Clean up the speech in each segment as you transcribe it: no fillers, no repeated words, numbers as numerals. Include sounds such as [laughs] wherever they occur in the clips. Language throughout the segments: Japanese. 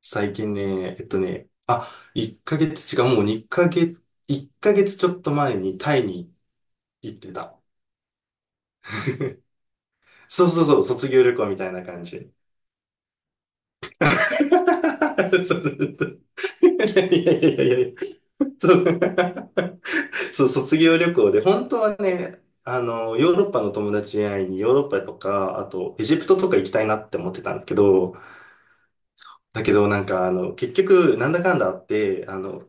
最近ね、あ、1ヶ月、違う、もう2ヶ月、1ヶ月ちょっと前にタイに行ってた。[laughs] そうそうそう、卒業旅行みたいな感じ。[laughs] そうそうそう。いやいやいやいやいや。そう。[laughs] そう、卒業旅行で、本当はね、ヨーロッパの友達に会いにヨーロッパとか、あと、エジプトとか行きたいなって思ってたんだけど、だけどなんか、結局、なんだかんだあって、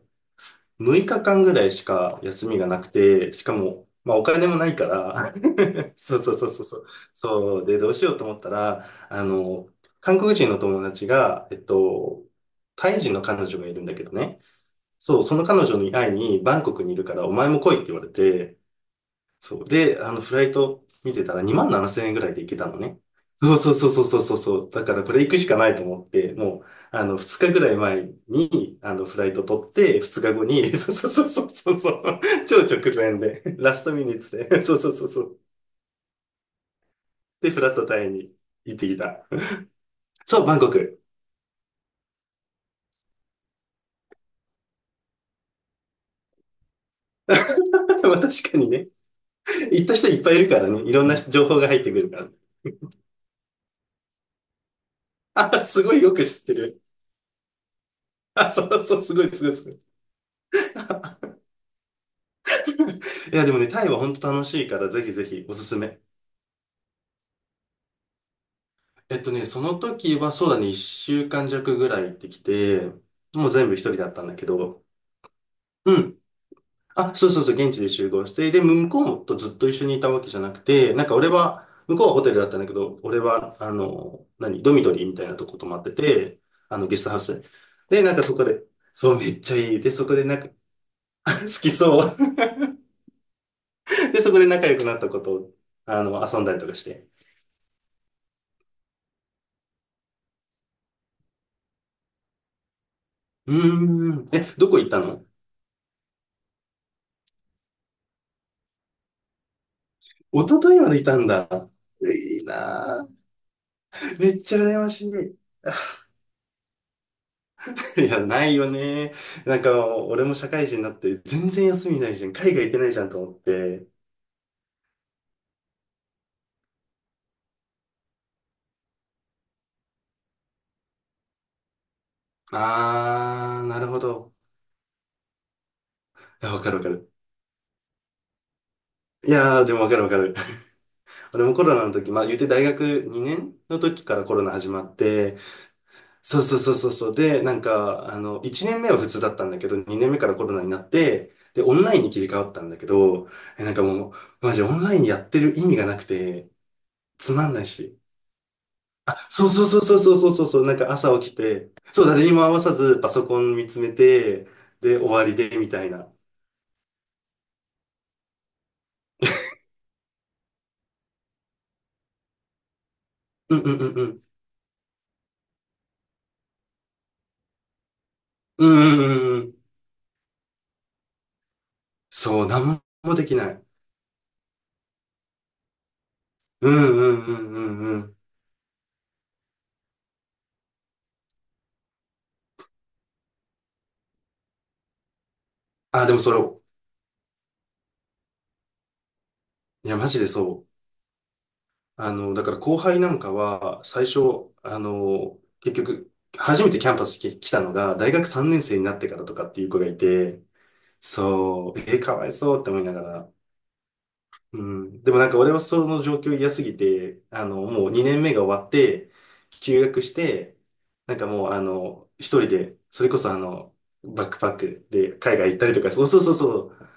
6日間ぐらいしか休みがなくて、しかも、まあお金もないから、[laughs] そうそうそうそうそう。そう、で、どうしようと思ったら、韓国人の友達が、タイ人の彼女がいるんだけどね。そう、その彼女に会いにバンコクにいるからお前も来いって言われて、そう。で、フライト見てたら2万7千円ぐらいで行けたのね。そうそうそうそうそうそうそう。だからこれ行くしかないと思って、もう、2日ぐらい前に、フライト取って、2日後に、[laughs] そうそうそうそうそう、超直前で、ラストミニッツで、[laughs] そうそうそうそう。で、フラットタイに行ってきた。そう、バンコク。[laughs] まあ確かにね、行った人いっぱいいるからね、いろんな情報が入ってくるから。あ、すごいよく知ってる。あ、そうそう、すごいすごいすごい。いや、でもね、タイは本当楽しいから、ぜひぜひおすすめ。その時はそうだね、一週間弱ぐらい行ってきて、もう全部一人だったんだけど、うん。あ、そうそうそう、現地で集合して、で、向こうとずっと一緒にいたわけじゃなくて、なんか俺は、向こうはホテルだったんだけど、俺は、ドミトリーみたいなとこ泊まってて、ゲストハウスで。で、なんかそこで、そう、めっちゃいい。で、そこでなんか、[laughs] 好きそう。で、そこで仲良くなったことを、遊んだりとかして。うーん。え、どこ行ったの？一昨日までいたんだ。いいなぁ。めっちゃ羨ましい。[laughs] いや、ないよね。なんか、俺も社会人になって、全然休みないじゃん。海外行けないじゃんと思って。あー、なるほど。いやわかるわかる。いやー、でもわかるわかる。[laughs] 俺もコロナの時、まあ言うて大学2年の時からコロナ始まって、そうそうそうそうそう。で、なんか、1年目は普通だったんだけど、2年目からコロナになって、で、オンラインに切り替わったんだけど、なんかもう、マジオンラインやってる意味がなくて、つまんないし。そうそうそうそうそうそうそうなんか朝起きて、そう、誰にも合わさずパソコン見つめて、で、終わりで、みたいな。うんうんうんうん。うんうんうんうん。そう、なんもできない。うんうんうんうんうん。あ、でもそれを、いや、マジでそう。だから後輩なんかは、最初、結局、初めてキャンパスに来たのが、大学3年生になってからとかっていう子がいて、そう、かわいそうって思いながら、うん。でもなんか俺はその状況嫌すぎて、もう2年目が終わって、休学して、なんかもう一人で、それこそバックパックで海外行ったりとか、そうそうそうそう。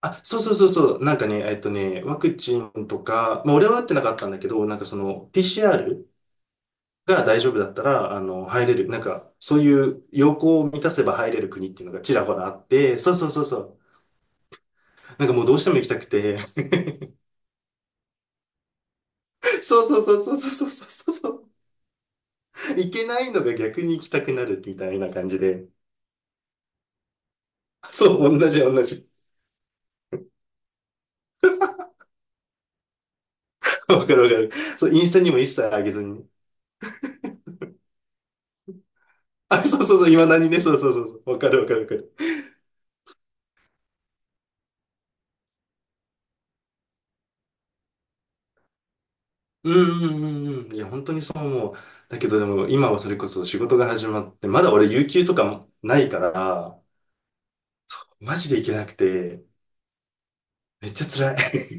あ、そうそうそうそう。なんかね、ワクチンとか、まあ俺は打ってなかったんだけど、なんかその PCR が大丈夫だったら、入れる、なんかそういう要項を満たせば入れる国っていうのがちらほらあって、そうそうそうそう。なんかもうどうしても行きたくて、[laughs] そうそうそうそうそうそうそうそう。行けないのが逆に行きたくなるみたいな感じで。そう、同じ同じ。[laughs] わかるわかる。そう、インスタにも一切上げずに。[laughs] あ、そうそうそう、今何ね、そうそうそうそう、わかるわかるわかる。うんうんうんうん。いや、本当にそう思う。だけどでも、今はそれこそ仕事が始まって、まだ俺、有給とかもないから、マジで行けなくて、めっちゃ辛い。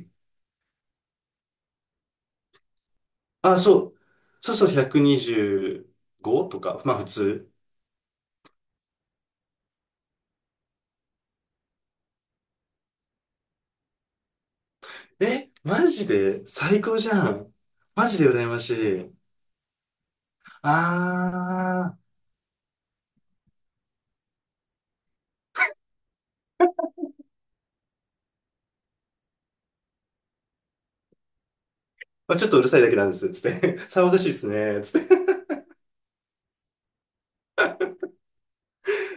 [laughs] あ、そう。そうそう、125とか、まあ普通。え、マジで最高じゃん。マジで羨ましい。あー。まあ、ちょっとうるさいだけなんです、つって。[laughs] 騒がしいですね、つって。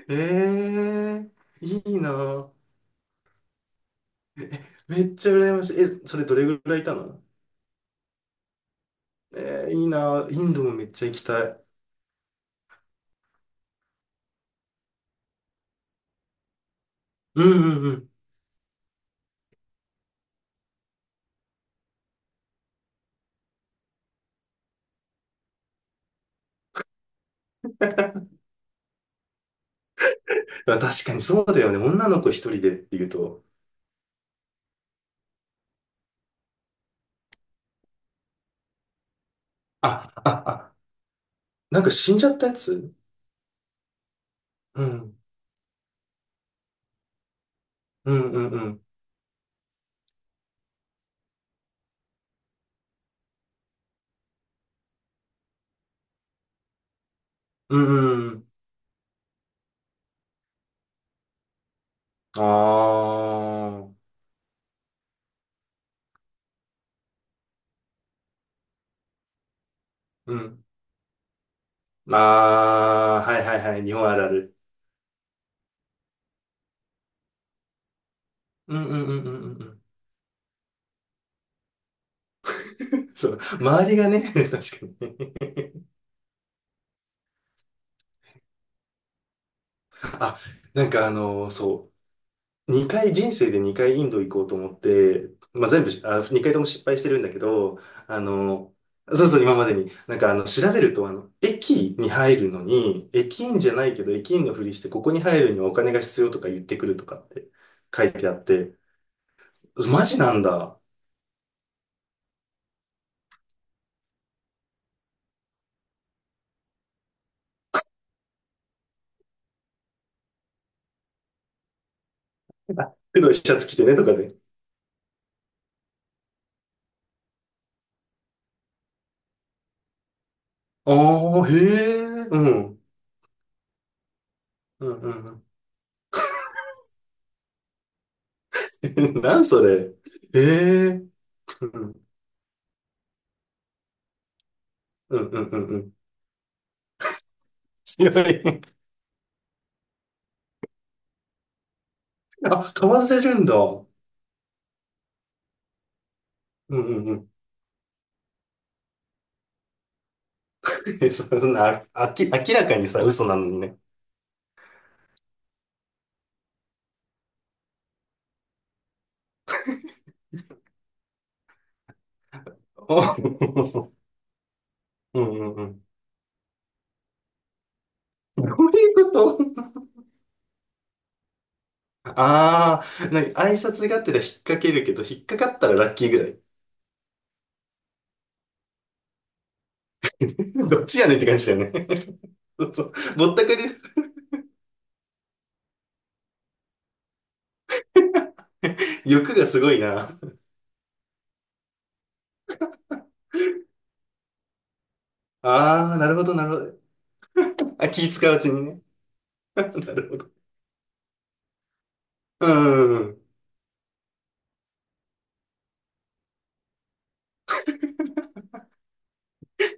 ええー、いいな。めっちゃ羨ましい。え、それどれぐらいいたの？えー、いいな。インドもめっちゃ行きたい。うんうんうん。まあ、確かにそうだよね。女の子一人でっていうと。あ、あ、あ、なんか死んじゃったやつ？うん。うんうんうん。うんうん。ああ。うん。ああ、はいはいはい。日本あるある。うんうんうんうんうんうん。[laughs] そう。周りがね、[laughs] 確かにね。あ、なんかそう、2回、人生で2回インド行こうと思って、まあ、全部し、あ、2回とも失敗してるんだけど、あの、そうそう、今までに、なんか調べると、駅に入るのに、駅員じゃないけど、駅員のふりして、ここに入るにはお金が必要とか言ってくるとかって書いてあって、マジなんだ。あ、黒いシャツ着てねとかで。ああ、へえ、うん。うんうんうん。[laughs] なんそれ。ええ。うんうんうんうんうん。強い。あ、かわせるんだ。うんうんうん。[laughs] そんな、ああき、明らかにさ、嘘なのにね。お [laughs] うんうんうん。どういうこと？あ [laughs] あー、なんか挨拶がてら引っ掛けるけど、引っかかったらラッキーぐらい。[laughs] どっちやねんって感じだよね。[laughs] そうそう。ぼったくり、欲がすごいな。ああ、なるほど、なるほど。あ、気使ううちにね。[laughs] なるほど。うんうんうん。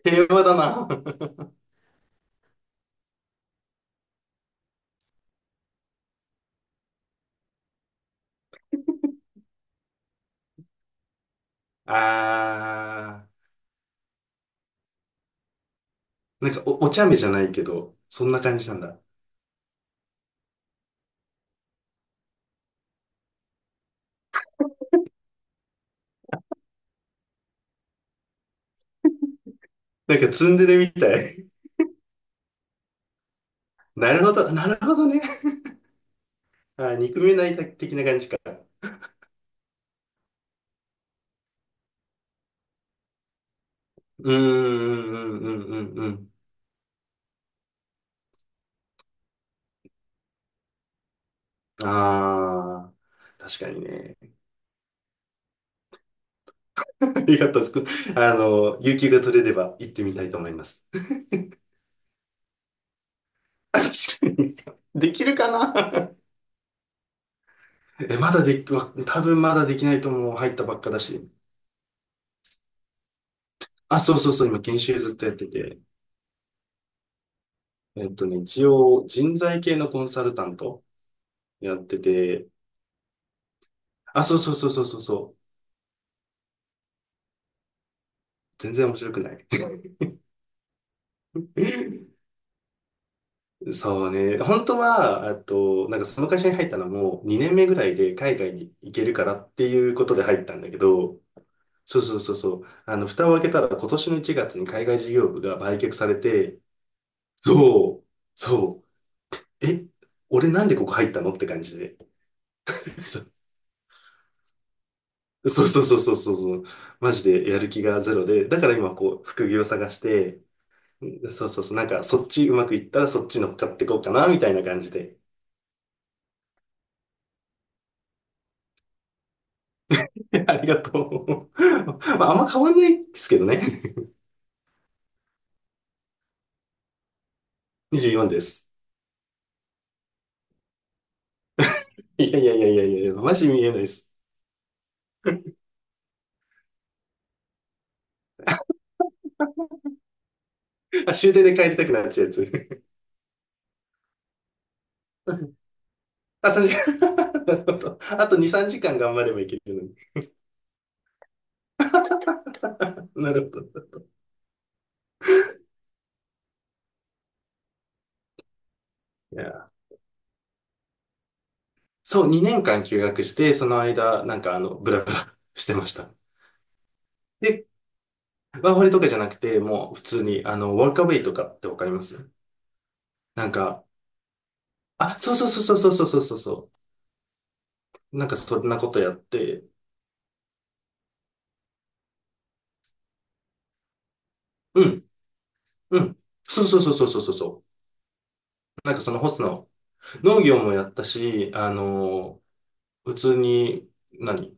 平和だな。[laughs] ああ、なんかお茶目じゃないけど、そんな感じなんだ。なんかツンデレみたい。なるほど、なるほどね。あ、憎めない的な感じか。うんうんうんうんうんうん。ああ、確かにね。[laughs] ありがとう。有給が取れれば行ってみたいと思います。[laughs] 確かに。できるかな？ [laughs] え、まだでき、わ多分まだできないと思う。入ったばっかだし。あ、そうそうそう。今、研修ずっとやってて。一応、人材系のコンサルタントやってて。あ、そうそうそうそうそうそう。全然面白くない。[laughs] そうね。本当は、あと、なんかその会社に入ったのも2年目ぐらいで海外に行けるからっていうことで入ったんだけど、そうそうそうそう。蓋を開けたら今年の1月に海外事業部が売却されて、そう、そう、え、俺なんでここ入ったのって感じで。[laughs] そうそうそうそうそうそうそう。マジでやる気がゼロで、だから今こう、副業探して、そうそうそう、なんかそっちうまくいったらそっち乗っかっていこうかな、みたいな感じで。[laughs] ありがとう。[laughs] まあ、あんま変わんないですけどね。24です。いやいやいやいやいや、マジ見えないです。あ、終電で帰りたくなっちゃうやつ。あ、3時間。[laughs] なるほど。あと2、3時間頑張ればいけるのに。[laughs] なるほど。いやー、そう、2年間休学して、その間、ブラブラ [laughs] してました。で、ワーホリとかじゃなくて、もう普通に、ワーカーウェイとかってわかりますなんか、あ、そうそうそうそうそうそうそうそう。なんかそんなことやって、うん、うん。そうそうそうそうそうそう。なんかそのホストの農業もやったし、普通に、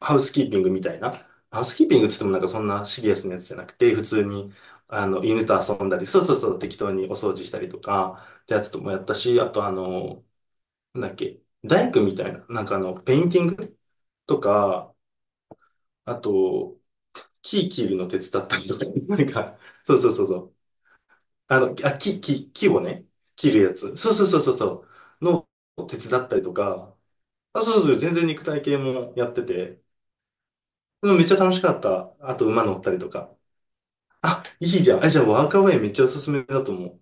ハウスキーピングみたいな。ハウスキーピングって言ってもなんかそんなシリアスなやつじゃなくて、普通に、犬と遊んだり、そうそうそう、適当にお掃除したりとか、ってやつともやったし、あとあの、なんだっけ、大工みたいな、ペインティングとか、あと、木切るの手伝ったりとか、[laughs] なんか、そうそうそうそう。あの、木をね、切るやつ。そうそうそうそうそう。のを手伝ったりとか、あ、そうそう、全然肉体系もやってて、うんめっちゃ楽しかった。あと馬乗ったりとか。あ、いいじゃん。あ、じゃあワークアウェイめっちゃおすすめだと思う。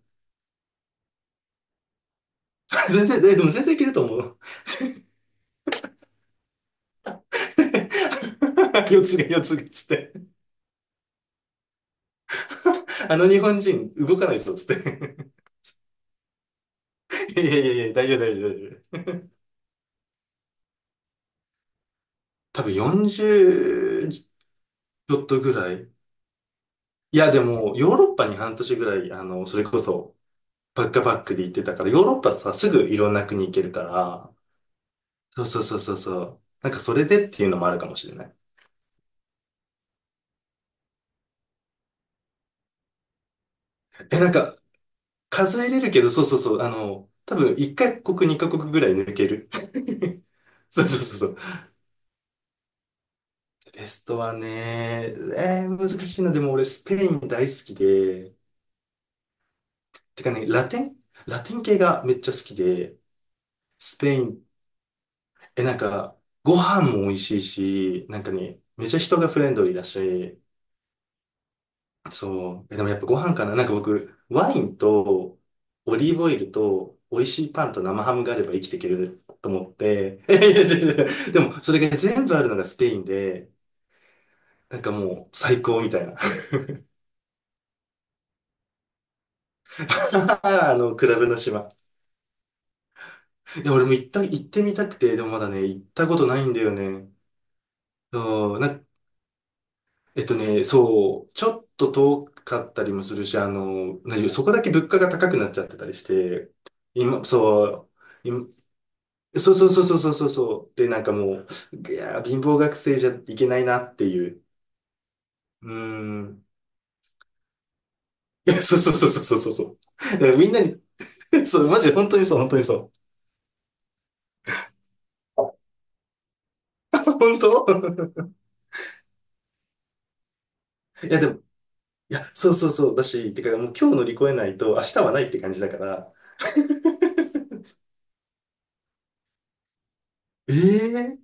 [laughs] 全然、え、でも全然いけると思う。[laughs] 四つがつって。あの日本人動かないぞつって。[laughs] いやいやいや、大丈夫大丈夫大丈夫。多分40ちょっとぐらい。いや、でも、ヨーロッパに半年ぐらい、それこそ、バックパックで行ってたから、ヨーロッパさ、すぐいろんな国行けるから、そうそうそうそうそう。なんかそれでっていうのもあるかもしれない。え、なんか数えれるけど、そうそうそう、多分1カ国、2カ国ぐらい抜ける。[laughs] そうそうそうそう。ベストはね、難しいな。でも俺スペイン大好きで、てかね、ラテン系がめっちゃ好きで、スペイン、え、なんか、ご飯も美味しいし、なんかね、めっちゃ人がフレンドリーだし、そう。えでもやっぱご飯かな。なんか僕、ワインとオリーブオイルと美味しいパンと生ハムがあれば生きていけると思って。[laughs] いやいやいやいやでも、それが全部あるのがスペインで、なんかもう最高みたいな。[laughs] クラブの島。で、俺も行ってみたくて、でもまだね、行ったことないんだよね。そう、な、えっとね、そう、ちょっと遠かったりもするし、そこだけ物価が高くなっちゃってたりして、今、そう、今、そうそうそうそうそうそうそう。で、なんかもう、いやー、貧乏学生じゃいけないなっていう。うーん。[laughs] いやそうそうそうそうそうそう。だからみんなに、[laughs] そう、マジ、本当にそう、本当にそう。[laughs] 本当 [laughs] いや、でも、いや、そうそうそう。だし、てか、もう今日乗り越えないと、明日はないって感じだから。ええ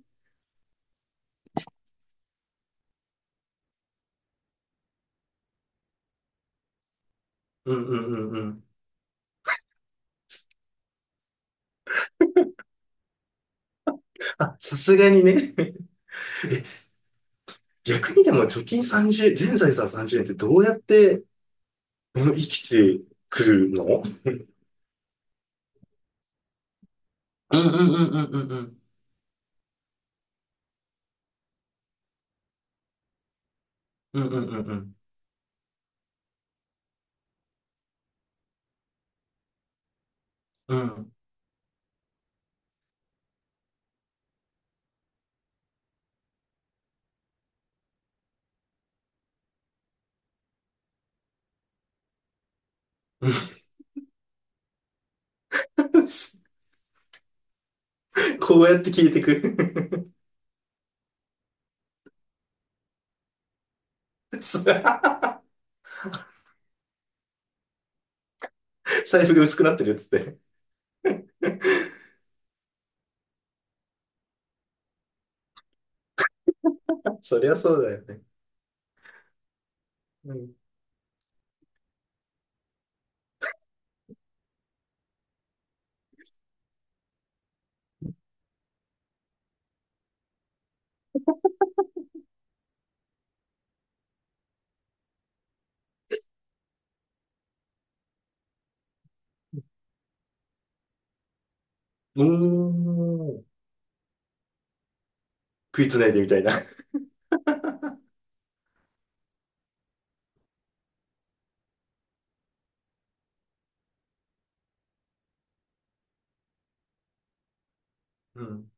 うんうんうんうん。あ、さすがにね。[laughs] 逆にでも、貯金30、全財産30円ってどうやって、うん生きてくるの？うんうんうんうんうんうん。うんうんうんうん。うん。[laughs] こうやって消えてく。[laughs] 財布が薄くなってるっつって。そりゃそうだよね。うん。うーん。食いつないでみたいな。うん。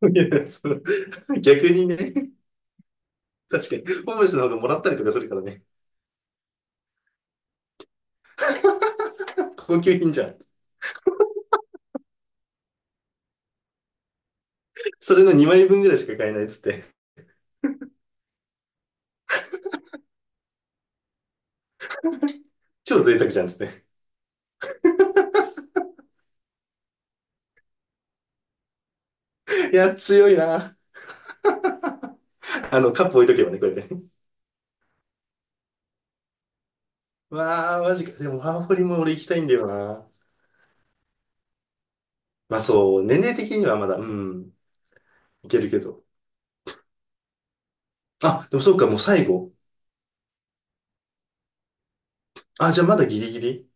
[laughs] いやその逆にね、確かに、ホームレスの方がもらったりとかするからね、高級品じゃん。それの2枚分ぐらいしか買えないっつって、超贅沢じゃんっつって。いや、強いな。カップ置いとけばね、こうやって。わあ、マジか。でも、ワーホリも俺行きたいんだよな。まあそう、年齢的にはまだ、うん、いけるけど。あ、でもそうか、もう最後。あ、じゃあまだギリギリ。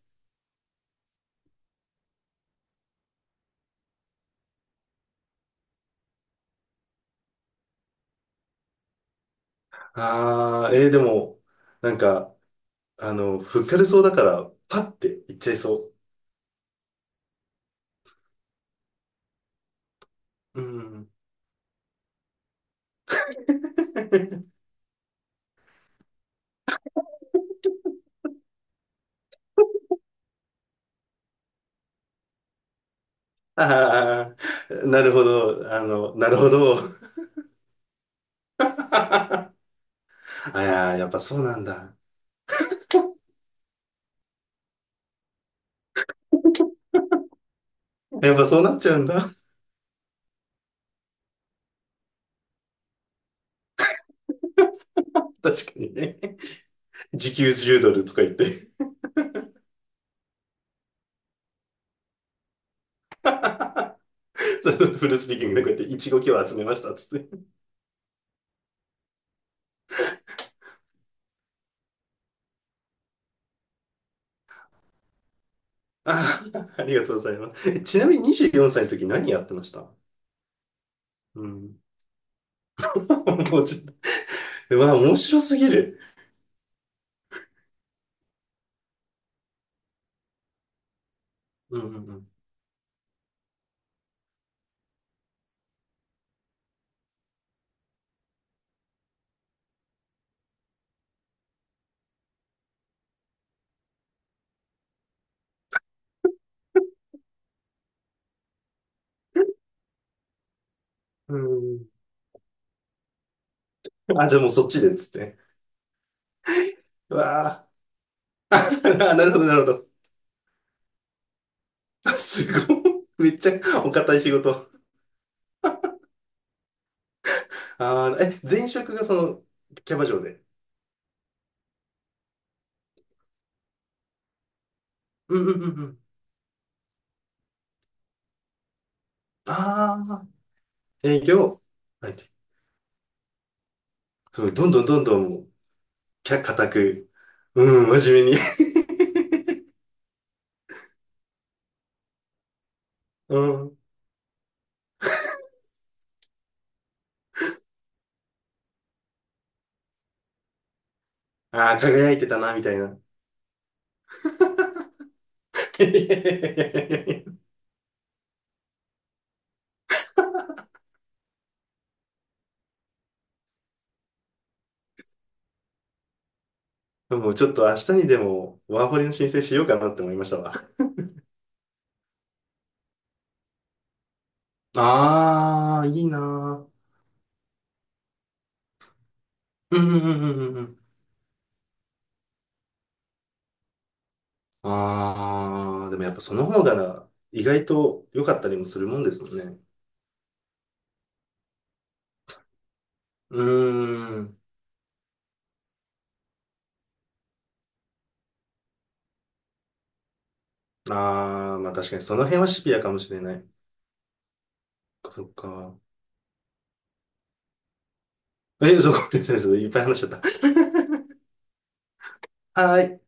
ああー、えー、でも、なんか、あの、ふっかるそうだから、パッていっちゃいそう。うん。[laughs] ああ、なるほど。なるほど。[laughs] ああ、やっぱそうなんだ。やっぱそうなっちゃうんだ。[laughs] 確かにね。時給10ドルとか言って、[laughs] そのフルスピーキングでこうやっていちごきを集めましたっつって。ああ、ありがとうございます。えちなみに24歳の時何やってましたうん。[laughs] もうちょっと、うわ、面白すぎる。うんうんうん。あ、じゃあもうそっちでっつって。うわー [laughs] あ。なるほど、なるほど。[laughs] すごい。[laughs] めっちゃお堅い仕事。え、前職がその、キャバ嬢で。うんうんうんうん。ああ、営業。はい。そごどんどんどんどんもう、固く。うん、真面目に。[laughs] うん。ああ、輝いてたな、みたいな。[laughs] いやいやいやいやいやもうちょっと明日にでも、ワーホリの申請しようかなって思いましたわ。ああ、いいなー。うんうんうんうんうん。ああ、でもやっぱその方が意外と良かったりもするもんですもんね。うーん。ああ、まあ確かにその辺はシビアかもしれない。そっか。え、そうごめんなさい。[laughs] いっぱい話しちゃった。[laughs] はーい。